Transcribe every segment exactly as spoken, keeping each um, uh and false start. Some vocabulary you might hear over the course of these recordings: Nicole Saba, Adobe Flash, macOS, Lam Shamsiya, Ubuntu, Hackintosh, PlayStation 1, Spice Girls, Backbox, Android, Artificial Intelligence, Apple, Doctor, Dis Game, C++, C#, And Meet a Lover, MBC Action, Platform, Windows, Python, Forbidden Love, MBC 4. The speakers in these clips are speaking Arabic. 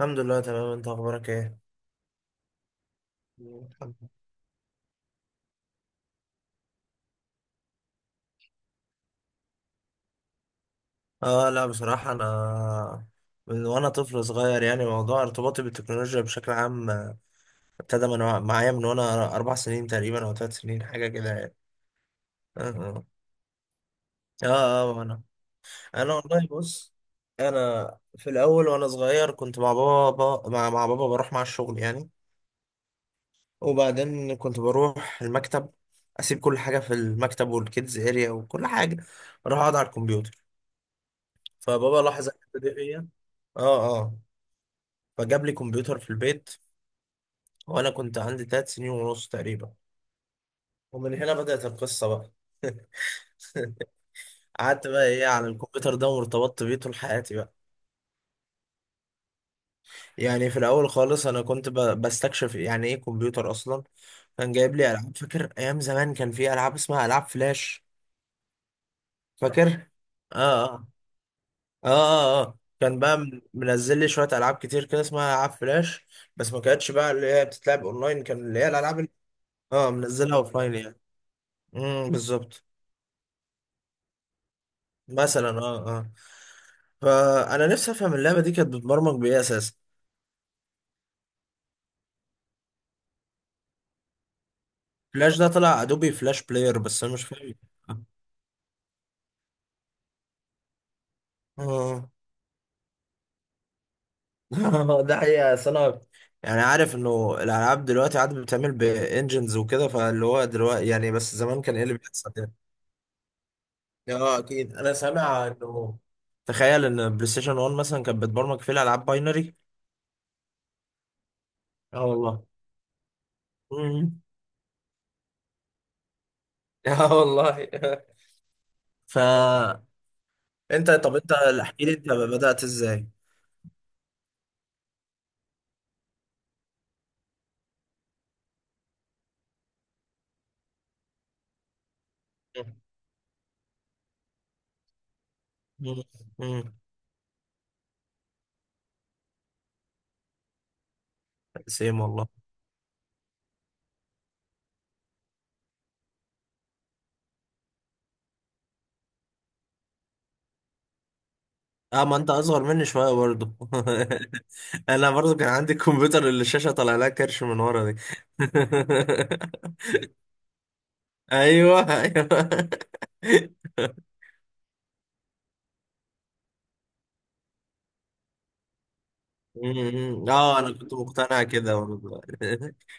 الحمد لله، تمام. انت اخبارك ايه؟ الحمد لله. اه لا بصراحة انا من وانا طفل صغير يعني موضوع ارتباطي بالتكنولوجيا بشكل عام، آه، ابتدى من وع- معايا من وانا اربع سنين تقريبا او ثلاث سنين حاجة كده يعني. اه اه. اه اه، وانا انا والله بص. انا في الاول وانا صغير كنت مع بابا مع, مع بابا، بروح مع الشغل يعني. وبعدين كنت بروح المكتب، اسيب كل حاجة في المكتب والكيدز اريا وكل حاجة، اروح اقعد على الكمبيوتر. فبابا لاحظ الحته دي فيا. اه اه. فجاب لي كمبيوتر في البيت وانا كنت عندي تلات سنين ونص تقريبا، ومن هنا بدأت القصة بقى. قعدت بقى ايه على الكمبيوتر ده وارتبطت بيه طول حياتي بقى. يعني في الاول خالص انا كنت ب- بستكشف يعني ايه كمبيوتر اصلا. كان جايب لي العاب. فاكر ايام زمان كان في العاب اسمها العاب فلاش، فاكر؟ اه اه. اه اه, آه. كان بقى من- منزل لي شويه العاب كتير كده اسمها العاب فلاش، بس ما كانتش بقى اللي هي بتتلعب اونلاين، كان اللي هي الالعاب. اه، منزلها اوفلاين يعني. امم بالظبط. مثلا، اه اه. فانا نفسي افهم اللعبه دي كانت بتبرمج بايه اساسا. فلاش ده طلع ادوبي فلاش بلاير، بس انا مش فاهم. اه ده حقيقه. أصل انا يعني عارف انه الالعاب دلوقتي عاد بتعمل بانجنز وكده، فاللي هو دلوقتي يعني، بس زمان كان ايه اللي بيحصل ده؟ اه اكيد، انا سامع انه تخيل ان بلاي ستيشن واحد مثلا كانت بتبرمج فيه الالعاب باينري. اه والله. امم. اه والله. ف انت، طب انت احكي لي انت بدأت ازاي؟ مم. مم. سيم والله. اه، ما انت اصغر مني شويه برضه. انا برضه كان عندي الكمبيوتر اللي الشاشه طالع لها كرش من ورا دي. ايوه ايوه. مم. اه انا كنت مقتنع كده برضه.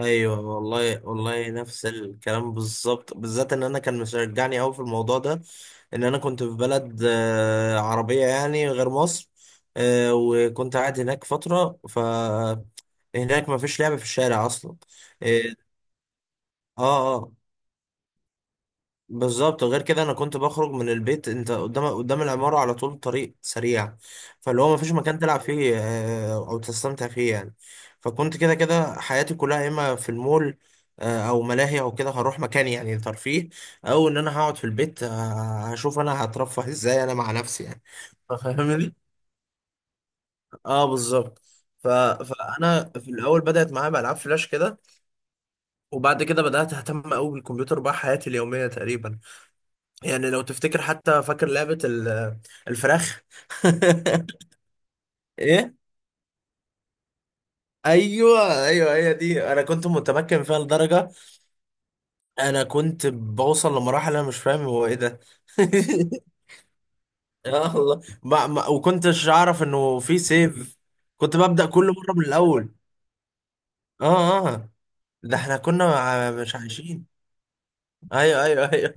ايوه والله، والله نفس الكلام بالظبط، بالذات ان انا كان مشجعني قوي في الموضوع ده ان انا كنت في بلد آه، عربيه يعني غير مصر. آه، وكنت قاعد هناك فتره. ف هناك ما فيش لعب في الشارع اصلا. اه اه آه. بالظبط. غير كده انا كنت بخرج من البيت، انت قدام قدام العمارة على طول طريق سريع، فاللي هو مفيش مكان تلعب فيه آه، او تستمتع فيه يعني. فكنت كده كده حياتي كلها يا اما في المول آه، او ملاهي او كده، هروح مكان يعني ترفيه، او ان انا هقعد في البيت آه، هشوف انا هترفه ازاي انا مع نفسي يعني. فاهمني. اه بالظبط. ف... فانا في الاول بدأت معايا بألعاب فلاش كده، وبعد كده بدأت اهتم قوي بالكمبيوتر، بقى حياتي اليومية تقريبا. يعني لو تفتكر حتى، فاكر لعبة ال- الفراخ؟ ايه؟ ايوه ايوه، هي دي. انا كنت متمكن فيها لدرجة انا كنت بوصل لمراحل انا مش فاهم هو ايه ده. اه والله. ما ما وكنتش اعرف انه في سيف، كنت ببدأ كل مرة من الاول. اه اه. ده احنا كنا مع- مش عايشين. ايوه ايوه ايوه.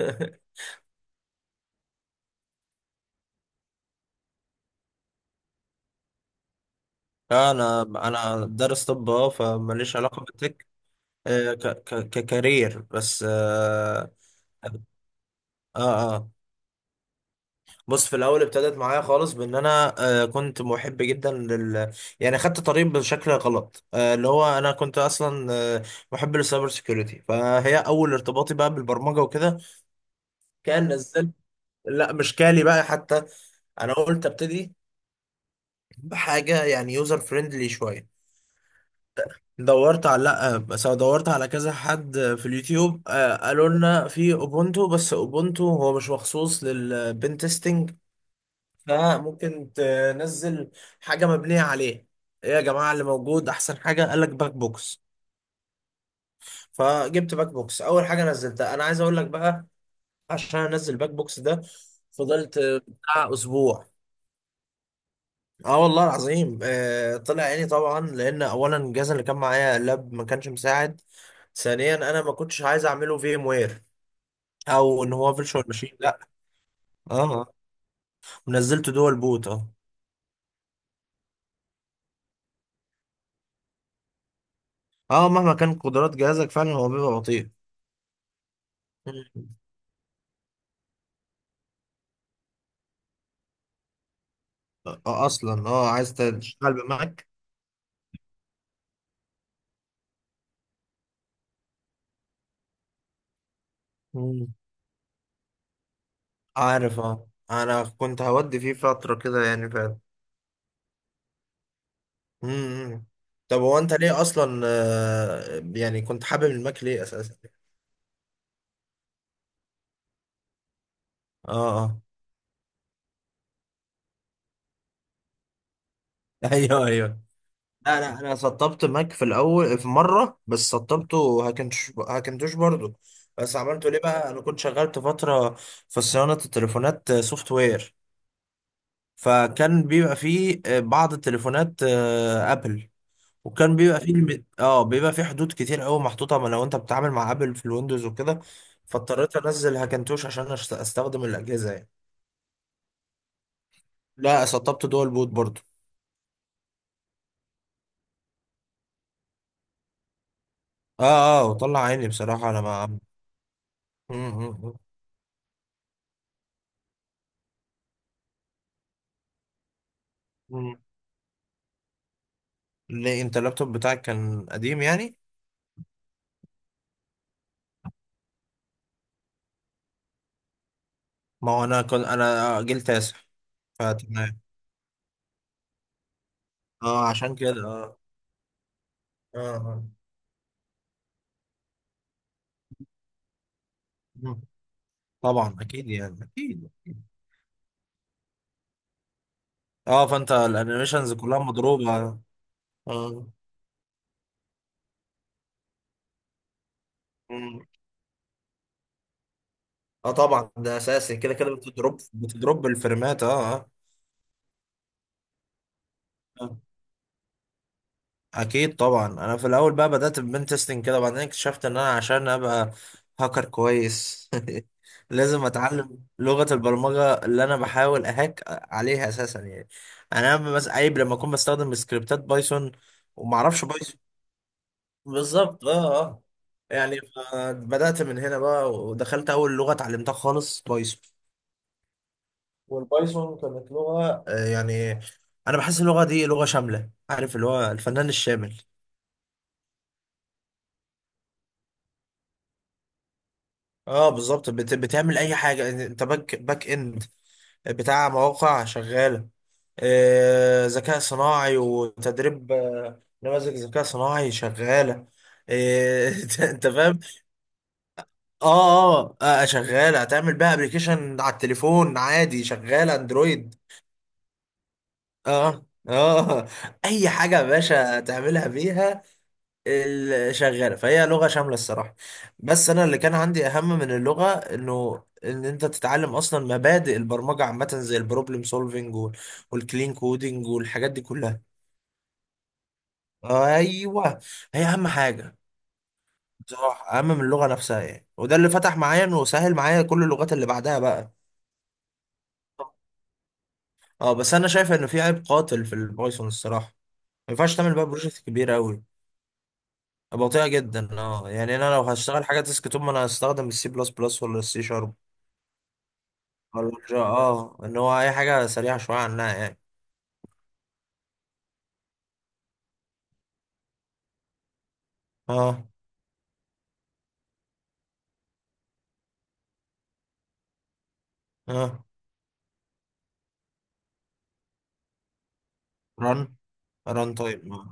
آه، انا انا دارس طب، اه، فماليش علاقة بالتك، آه، ك ك ككارير بس. آه اه اه. بص، في الاول ابتدت معايا خالص بان انا آه كنت محب جدا لل يعني خدت طريق بشكل غلط، آه اللي هو انا كنت اصلا آه محب للسايبر سيكيورتي، فهي اول ارتباطي بقى بالبرمجه وكده. كان نزلت، لا مش كالي بقى حتى. انا قلت ابتدي بحاجه يعني يوزر فريندلي شويه. دورت على لا، بس أنا دورت على كذا حد في اليوتيوب آه، قالوا لنا في اوبونتو، بس اوبونتو هو مش مخصوص للبن تيستنج، فممكن تنزل حاجه مبنيه عليه. ايه يا جماعه اللي موجود احسن حاجه؟ قال لك باك بوكس. فجبت باك بوكس اول حاجه نزلتها. انا عايز اقول لك بقى، عشان انزل باك بوكس ده فضلت بتاع اسبوع. اه والله العظيم، آه طلع عيني طبعا لان اولا الجهاز اللي كان معايا لاب ما كانش مساعد، ثانيا انا ما كنتش عايز اعمله في ام وير او ان هو فيرتشوال ماشين، لا. اه، ونزلت دول بوت. اه اه، مهما كان قدرات جهازك فعلا هو بيبقى بطيء. مم. آه اصلا اه عايز تشتغل بماك. مم. عارف، اه انا كنت هودي فيه فترة كده يعني فعلا. مم. طب هو انت ليه اصلا، آه يعني كنت حابب الماك ليه اساسا؟ اه اه. ايوه ايوه. لا لا، انا سطبت ماك في الاول في مره، بس سطبته هاكنتوش، هاكنتوش برضو. بس عملته ليه بقى؟ انا كنت شغلت فتره في صيانه التليفونات سوفت وير، فكان بيبقى فيه آه، بعض التليفونات آه، ابل، وكان بيبقى فيه الم- اه بيبقى فيه حدود كتير قوي محطوطه، ما لو انت بتتعامل مع ابل في الويندوز وكده. فاضطريت انزل هاكنتوش عشان أشت- استخدم الاجهزه يعني. لا، سطبت دول بوت برضو. اه اه، وطلع عيني بصراحه انا. ما ليه انت اللابتوب بتاعك كان قديم يعني؟ ما هو انا كنت انا جيل تاسع. فتمام، اه عشان كده، اه اه آه. مم. طبعا، اكيد يعني، اكيد أكيد. اه، فانت الانيميشنز كلها مضروبه، اه. مم. اه طبعا، ده اساسي كده كده، بتضرب بتضرب الفريمات اه. اه اكيد طبعا. انا في الاول بقى بدات ببن تيستنج كده، وبعدين اكتشفت ان انا عشان ابقى هاكر كويس لازم اتعلم لغه البرمجه اللي انا بحاول اهاك عليها اساسا يعني. يعني انا، بس عيب لما اكون بستخدم سكريبتات بايثون وما اعرفش بايثون. بالظبط اه اه. يعني ف- بدات من هنا بقى، ودخلت اول لغه اتعلمتها خالص بايثون. والبايثون كانت لغه آه، يعني انا بحس اللغه دي لغه شامله، عارف اللي هو الفنان الشامل. اه بالظبط، بت... بتعمل اي حاجه انت، باك باك اند بتاع مواقع شغاله، آه، ذكاء صناعي وتدريب، آه، نماذج ذكاء صناعي شغاله، آه، انت، أنت فاهم. اه اه، آه، شغاله هتعمل بيها ابلكيشن على التليفون عادي، شغاله اندرويد. اه اه. اي حاجه يا باشا تعملها بيها. ال- شغاله، فهي لغه شامله الصراحه. بس انا اللي كان عندي اهم من اللغه انه ان انت تتعلم اصلا مبادئ البرمجه عامه، زي البروبلم سولفنج والكلين كودنج والحاجات دي كلها. ايوه، هي اهم حاجه بصراحه، اهم من اللغه نفسها يعني، وده اللي فتح معايا انه سهل معايا كل اللغات اللي بعدها بقى. اه، بس انا شايف انه في عيب قاتل في البايثون الصراحه، ما ينفعش تعمل بقى بروجكت كبير قوي. بطيئه جدا اه، يعني انا لو هشتغل حاجه ديسك توب ما انا هستخدم السي بلس بلس ولا السي شارب الورجا، اه، ان هو اي حاجه سريعه شويه عنها يعني. اه اه. رن ران تايم اه.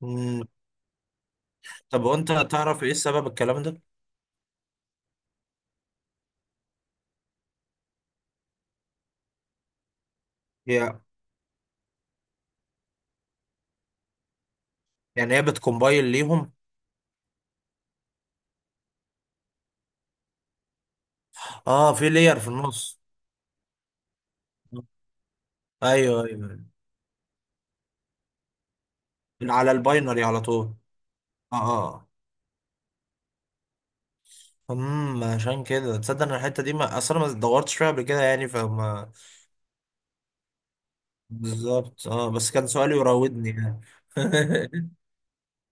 مم. طب وانت تعرف ايه السبب الكلام ده؟ هي يعني هي بتكومبايل ليهم. اه، في لير في النص. ايوه ايوه، على الباينري على طول. اه اه. امم عشان كده تصدق ان الحته دي ما اصلا ما دورتش فيها قبل كده يعني، فما بالظبط. اه، بس كان سؤالي يراودني يعني.